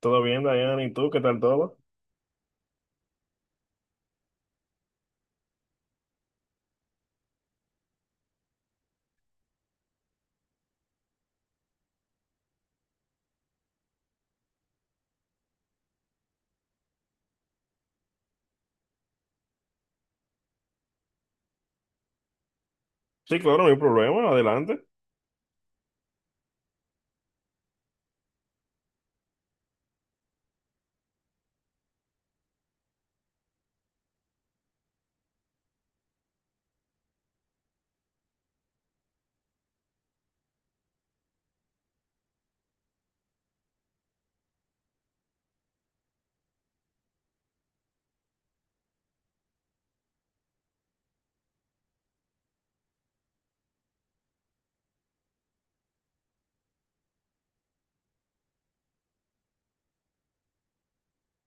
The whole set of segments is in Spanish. ¿Todo bien, Diana? ¿Y tú? ¿Qué tal todo? Sí, claro, no hay problema, adelante.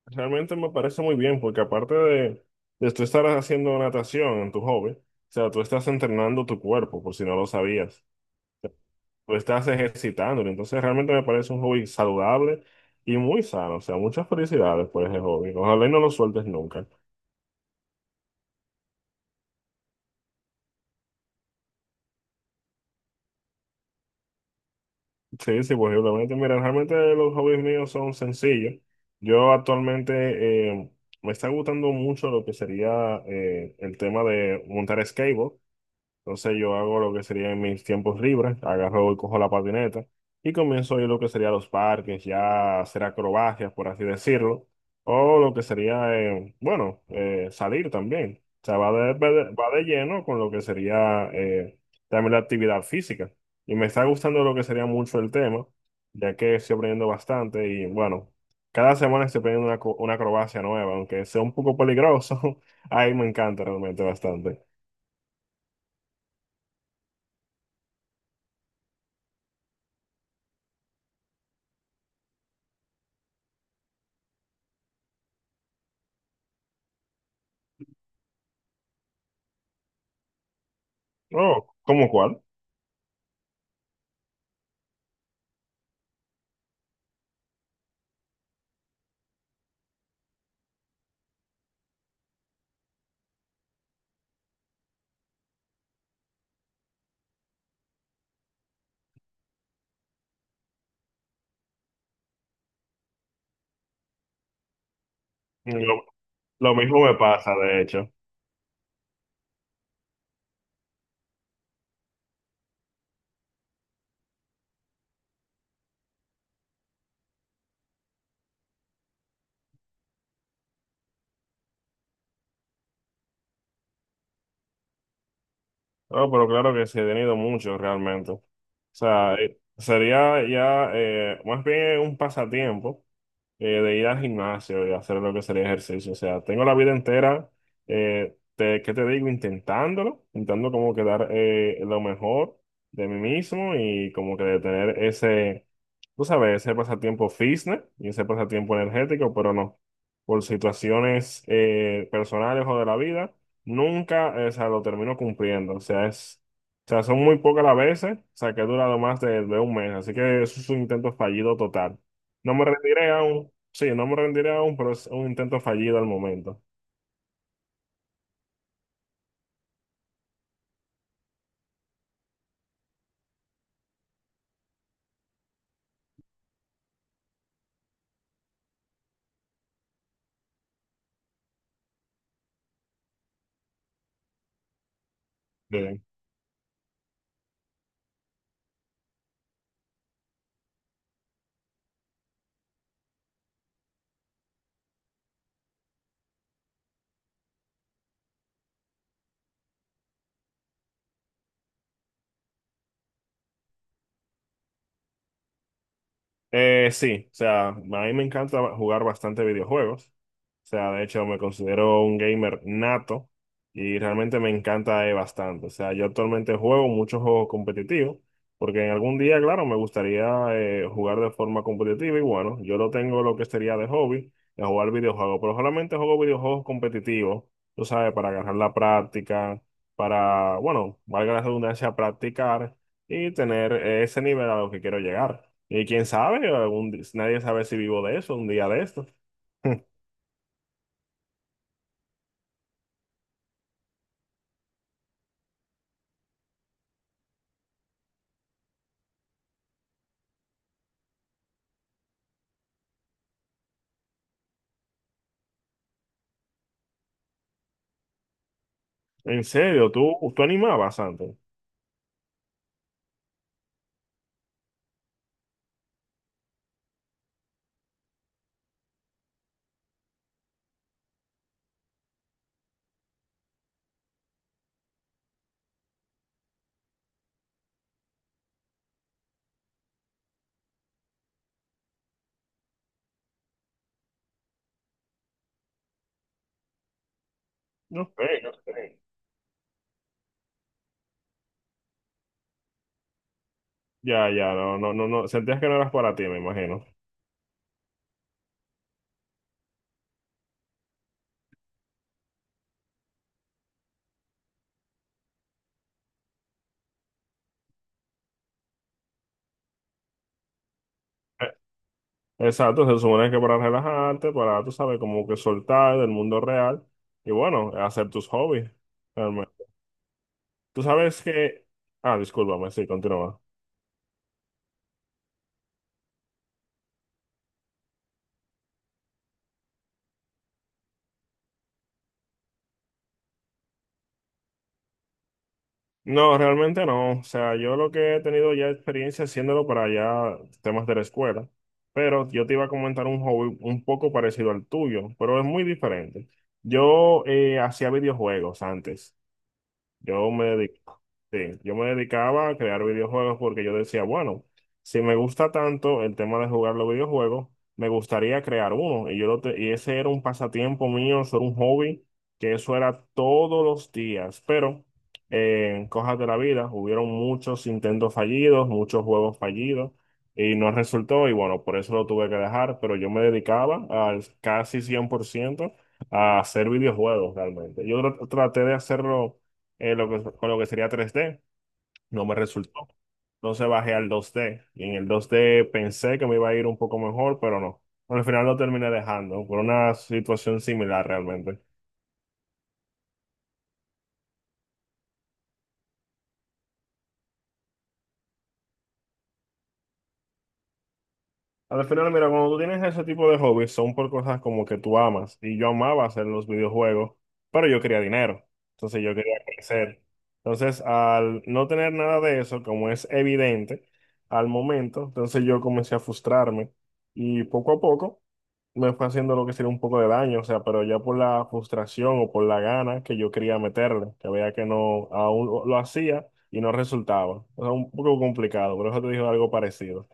Realmente me parece muy bien, porque aparte de tú estar haciendo natación en tu hobby, o sea, tú estás entrenando tu cuerpo, por si no lo sabías. Tú estás ejercitándolo, entonces realmente me parece un hobby saludable y muy sano, o sea, muchas felicidades por ese hobby. Ojalá y no lo sueltes nunca. Sí, sí, pues, posiblemente. Mira, realmente los hobbies míos son sencillos. Yo actualmente me está gustando mucho lo que sería el tema de montar skateboard. Entonces yo hago lo que sería en mis tiempos libres, agarro y cojo la patineta y comienzo a ir lo que sería a los parques, ya a hacer acrobacias, por así decirlo, o lo que sería, salir también. O sea, va de lleno con lo que sería también la actividad física. Y me está gustando lo que sería mucho el tema, ya que estoy aprendiendo bastante y bueno, cada semana estoy aprendiendo una acrobacia nueva, aunque sea un poco peligroso, ahí me encanta realmente bastante. Oh, ¿cómo cuál? Lo, lo mismo me pasa, de hecho. No, pero claro que sí, he tenido mucho realmente. O sea, sería ya más bien un pasatiempo de ir al gimnasio y hacer lo que sería ejercicio. O sea, tengo la vida entera, ¿qué te digo? Intentándolo, intentando como quedar lo mejor de mí mismo y como que de tener ese, tú sabes, ese pasatiempo fitness y ese pasatiempo energético, pero no, por situaciones personales o de la vida. Nunca, o sea, lo termino cumpliendo. O sea, o sea, son muy pocas las veces, o sea, que he durado más de un mes. Así que eso es un intento fallido total. No me rendiré aún, sí, no me rendiré aún, pero es un intento fallido al momento. Bien. Sí, o sea, a mí me encanta jugar bastante videojuegos. O sea, de hecho, me considero un gamer nato y realmente me encanta bastante. O sea, yo actualmente juego muchos juegos competitivos porque en algún día, claro, me gustaría jugar de forma competitiva y bueno, yo lo tengo lo que sería de hobby, de jugar videojuegos, pero solamente juego videojuegos competitivos, tú sabes, para agarrar la práctica, para, bueno, valga la redundancia, practicar y tener ese nivel a lo que quiero llegar. Y quién sabe, nadie sabe si vivo de eso un día de estos. En serio, tú animabas antes. No sé. Ya, ya, no, no, no, no. Sentías que no eras para ti, me imagino. Eh, Exacto, se supone que para relajarte, para, tú sabes, como que soltar del mundo real y bueno, hacer tus hobbies. Realmente. Tú sabes que. Ah, discúlpame, sí, continúa. No, realmente no. O sea, yo lo que he tenido ya experiencia haciéndolo para ya temas de la escuela. Pero yo te iba a comentar un hobby un poco parecido al tuyo, pero es muy diferente. Yo hacía videojuegos antes. Yo me dedic- sí, yo me dedicaba a crear videojuegos porque yo decía, bueno, si me gusta tanto el tema de jugar los videojuegos, me gustaría crear uno. Y ese era un pasatiempo mío, eso era un hobby, que eso era todos los días. Pero en cosas de la vida, hubieron muchos intentos fallidos, muchos juegos fallidos, y no resultó. Y bueno, por eso lo tuve que dejar, pero yo me dedicaba al casi 100% a hacer videojuegos realmente. Traté de hacerlo con lo que sería 3D. No me resultó. Entonces bajé al 2D. Y en el 2D pensé que me iba a ir un poco mejor, pero no. Al final lo terminé dejando por una situación similar realmente. Al final, mira, cuando tú tienes ese tipo de hobbies, son por cosas como que tú amas. Y yo amaba hacer los videojuegos, pero yo quería dinero. Entonces yo quería crecer. Entonces, al no tener nada de eso, como es evidente al momento, entonces yo comencé a frustrarme. Y poco a poco me fue haciendo lo que sería un poco de daño, o sea, pero ya por la frustración o por la gana que yo quería meterle, que veía que no, aún lo hacía y no resultaba. O sea, un poco complicado, por eso te digo algo parecido.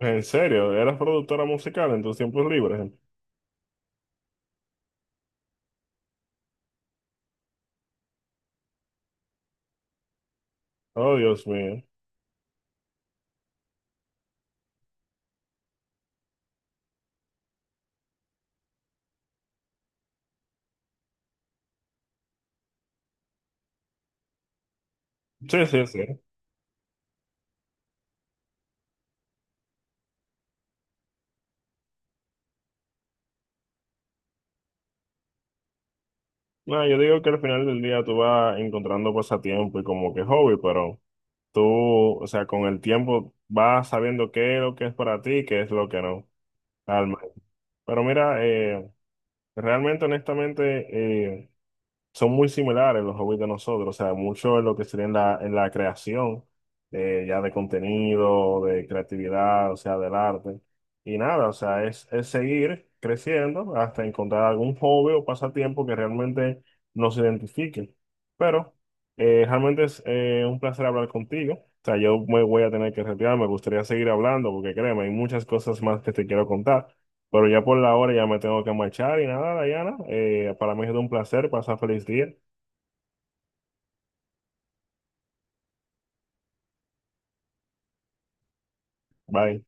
En serio, eras productora musical en tus tiempos libres. Oh, Dios mío. Sí, sí, sí. No, yo digo que al final del día tú vas encontrando pasatiempo y como que hobby, pero tú, o sea, con el tiempo vas sabiendo qué es lo que es para ti y qué es lo que no. Alma. Pero mira, realmente, honestamente, eh, son muy similares los hobbies de nosotros, o sea, mucho en lo que sería en en la creación, ya de contenido, de creatividad, o sea, del arte. Y nada, o sea, es seguir creciendo hasta encontrar algún hobby o pasatiempo que realmente nos identifique. Pero realmente es un placer hablar contigo. O sea, yo me voy a tener que retirar, me gustaría seguir hablando porque créeme, hay muchas cosas más que te quiero contar. Pero ya por la hora ya me tengo que marchar y nada, Dayana. Para mí es un placer. Pasa feliz día. Bye.